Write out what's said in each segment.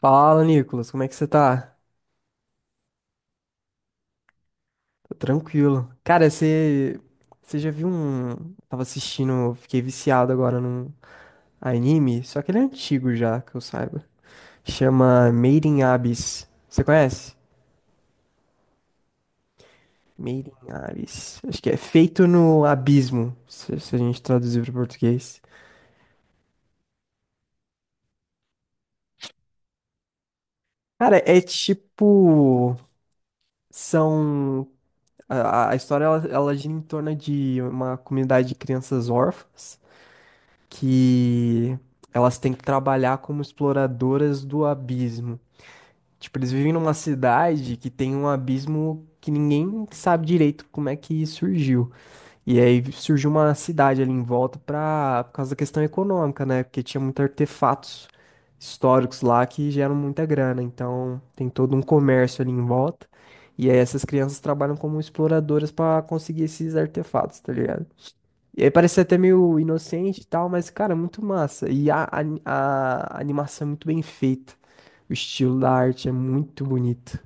Fala, Nicolas, como é que você tá? Tô tranquilo. Cara, você já viu um. Tava assistindo, fiquei viciado agora num anime, só que ele é antigo já, que eu saiba. Chama Made in Abyss. Você conhece? Made in Abyss. Acho que é feito no abismo, se a gente traduzir para português. Cara, é tipo. São. A história ela gira em torno de uma comunidade de crianças órfãs que elas têm que trabalhar como exploradoras do abismo. Tipo, eles vivem numa cidade que tem um abismo que ninguém sabe direito como é que surgiu. E aí surgiu uma cidade ali em volta pra, por causa da questão econômica, né? Porque tinha muitos artefatos históricos lá que geram muita grana. Então tem todo um comércio ali em volta. E aí essas crianças trabalham como exploradoras pra conseguir esses artefatos, tá ligado? E aí parecia até meio inocente e tal, mas, cara, muito massa. E a animação é muito bem feita. O estilo da arte é muito bonito.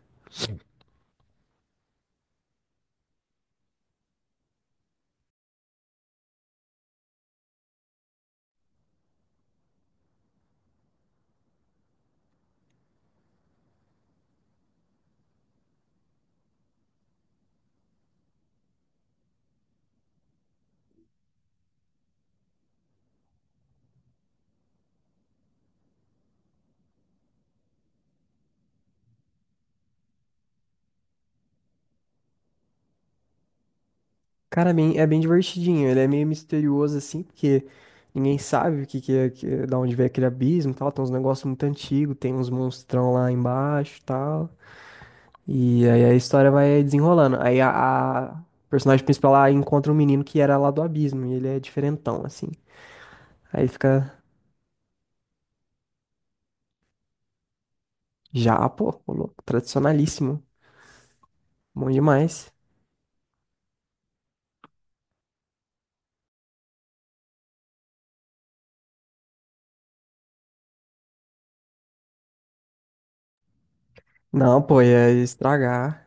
Cara, é bem divertidinho. Ele é meio misterioso, assim, porque ninguém sabe o que, que é- da onde vem aquele abismo e tal. Tem uns negócios muito antigos, tem uns monstrão lá embaixo e tal. E aí a história vai desenrolando. Aí a personagem principal lá encontra um menino que era lá do abismo, e ele é diferentão, assim. Aí fica já, pô, ô louco, tradicionalíssimo. Bom demais. Não, pô, ia estragar.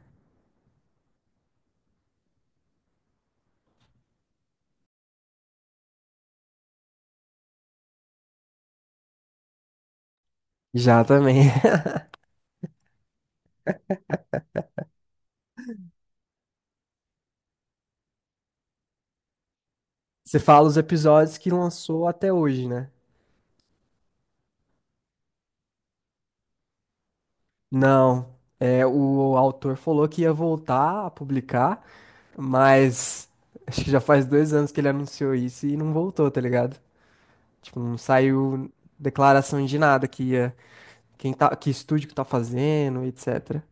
Já também. Você fala os episódios que lançou até hoje, né? Não. É, o autor falou que ia voltar a publicar, mas acho que já faz 2 anos que ele anunciou isso e não voltou, tá ligado? Tipo, não saiu declaração de nada que ia, quem tá, que estúdio que tá fazendo, etc.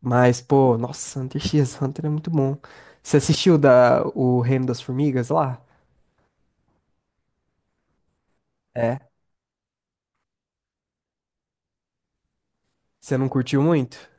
Mas, pô, nossa, Hunter x Hunter é muito bom. Você assistiu da, o Reino das Formigas lá? É. Você não curtiu muito?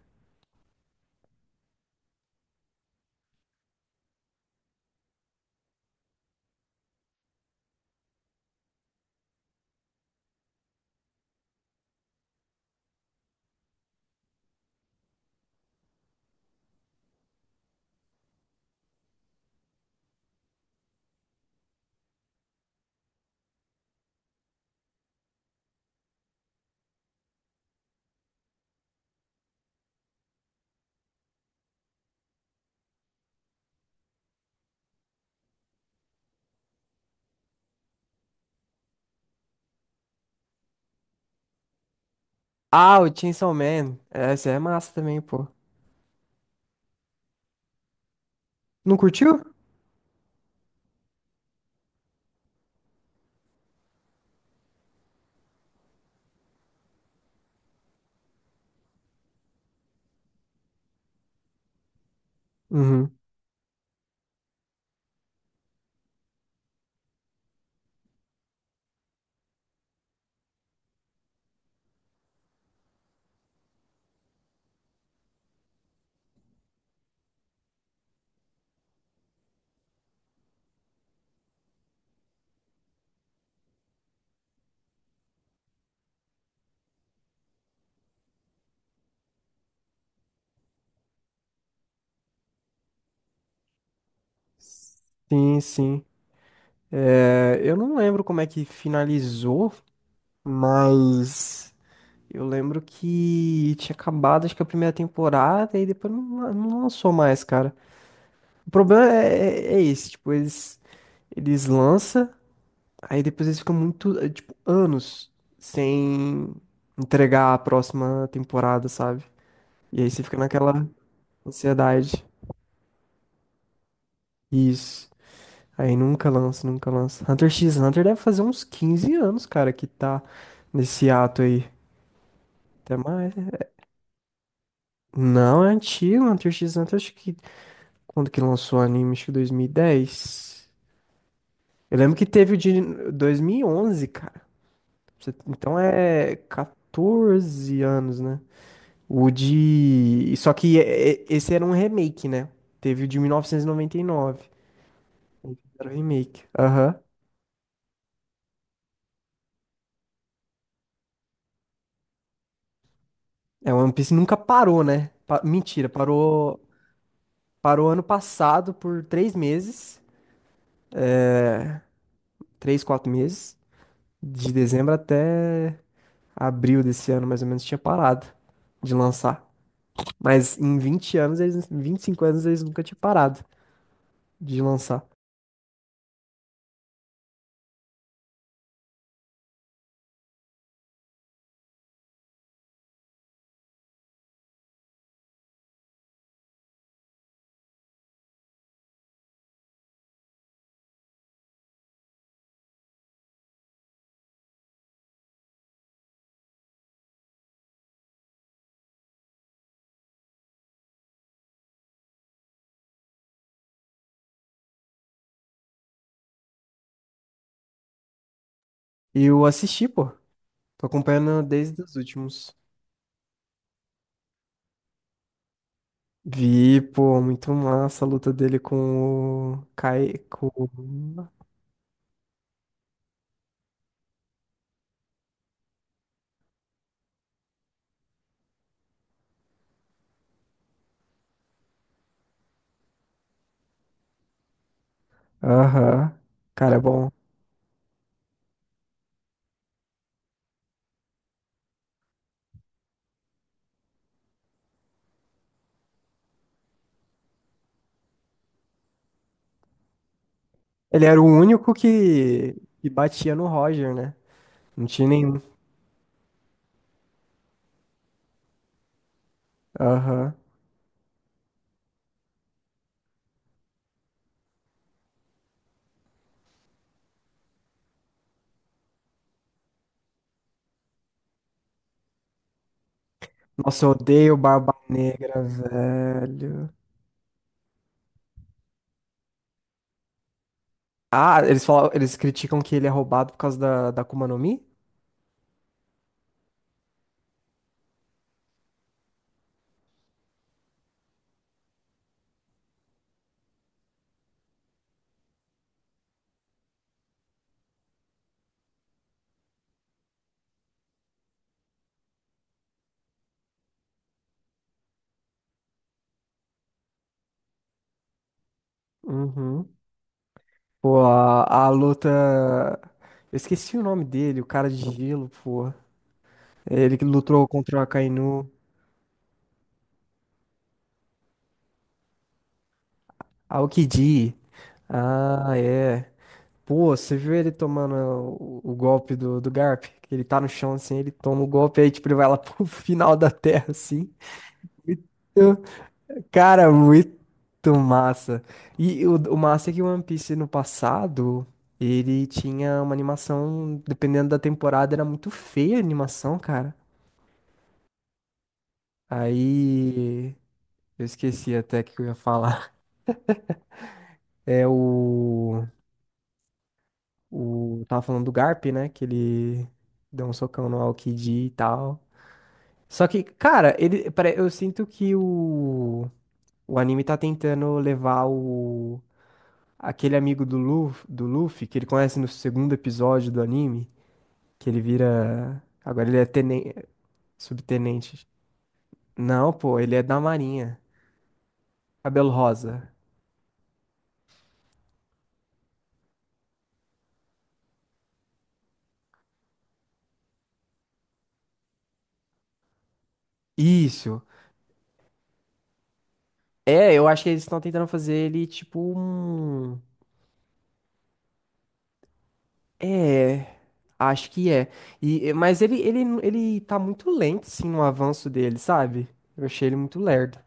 Ah, o Chainsaw Man. Essa é massa também, pô. Não curtiu? Uhum. Sim, sim. É, eu não lembro como é que finalizou, mas eu lembro que tinha acabado, acho que a primeira temporada e depois não lançou mais, cara. O problema é esse, tipo, eles lançam, aí depois eles ficam muito, tipo, anos sem entregar a próxima temporada, sabe? E aí você fica naquela ansiedade. Isso. Aí nunca lança, nunca lança. Hunter x Hunter deve fazer uns 15 anos, cara, que tá nesse ato aí. Até mais. Não, é antigo. Hunter x Hunter, acho que. Quando que lançou o anime? Acho que 2010. Eu lembro que teve o de 2011, cara. Você- Então é 14 anos, né? O de. Só que esse era um remake, né? Teve o de 1999. Aí Fizeram o remake. Aham. É, One Piece nunca parou, né? Pa- Mentira, parou. Parou ano passado por 3 meses, 3, 4 meses, de dezembro até abril desse ano, mais ou menos, tinha parado de lançar. Mas em 20 anos, eles, em 25 anos, eles nunca tinham parado de lançar. E eu assisti, pô. Tô acompanhando desde os últimos. Vi, pô, muito massa a luta dele com o Kai, com... o- Aham. Cara, é bom. Ele era o único que batia no Roger, né? Não tinha nenhum. Aham. Nossa, eu odeio Barba Negra, velho. Ah, eles falam, eles criticam que ele é roubado por causa da Akuma no Mi? Uhum. Pô, a luta. Eu esqueci o nome dele, o cara de gelo, pô. Ele que lutou contra o Akainu. Aokiji. Ah, é. Pô, você viu ele tomando o golpe do Garp? Que ele tá no chão assim, ele toma o golpe aí, tipo, ele vai lá pro final da terra, assim. Muito, cara, muito massa. E o massa é que o One Piece no passado, ele tinha uma animação, dependendo da temporada, era muito feia a animação, cara. Aí. Eu esqueci até o que eu ia falar. É o. O, tava falando do Garp, né? Que ele deu um socão no Aokiji e tal. Só que, cara, ele, pare- eu sinto que o anime tá tentando levar o, aquele amigo do Luffy, que ele conhece no 2º episódio do anime, que ele vira. Agora ele é tenen, subtenente. Não, pô, ele é da Marinha. Cabelo rosa. Isso. É, eu acho que eles estão tentando fazer ele tipo um. É, acho que é. E, mas ele tá muito lento, assim, no avanço dele, sabe? Eu achei ele muito lerdo.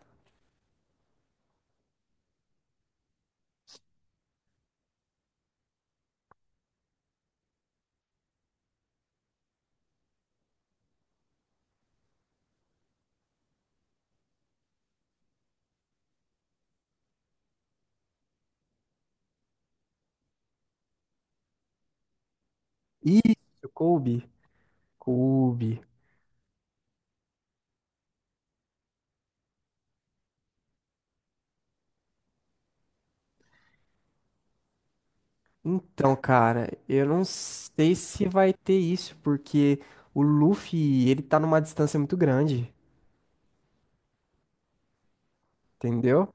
Isso, Kobe. Kobe. Então, cara, eu não sei se vai ter isso, porque o Luffy, ele tá numa distância muito grande, entendeu?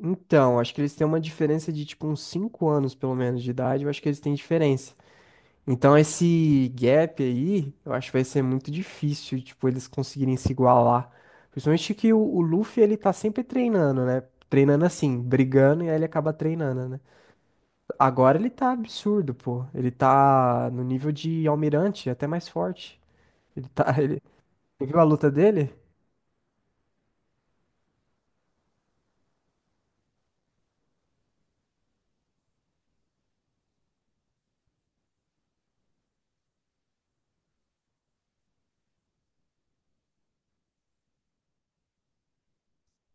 Então, acho que eles têm uma diferença de, tipo, uns 5 anos, pelo menos, de idade. Eu acho que eles têm diferença. Então esse gap aí, eu acho que vai ser muito difícil, tipo, eles conseguirem se igualar. Principalmente que o Luffy, ele tá sempre treinando, né? Treinando assim, brigando, e aí ele acaba treinando, né? Agora ele tá absurdo, pô. Ele tá no nível de almirante, até mais forte. Ele tá, ele... Você viu a luta dele?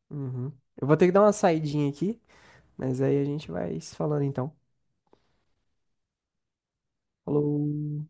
Uhum. Eu vou ter que dar uma saidinha aqui, mas aí a gente vai se falando então. Falou!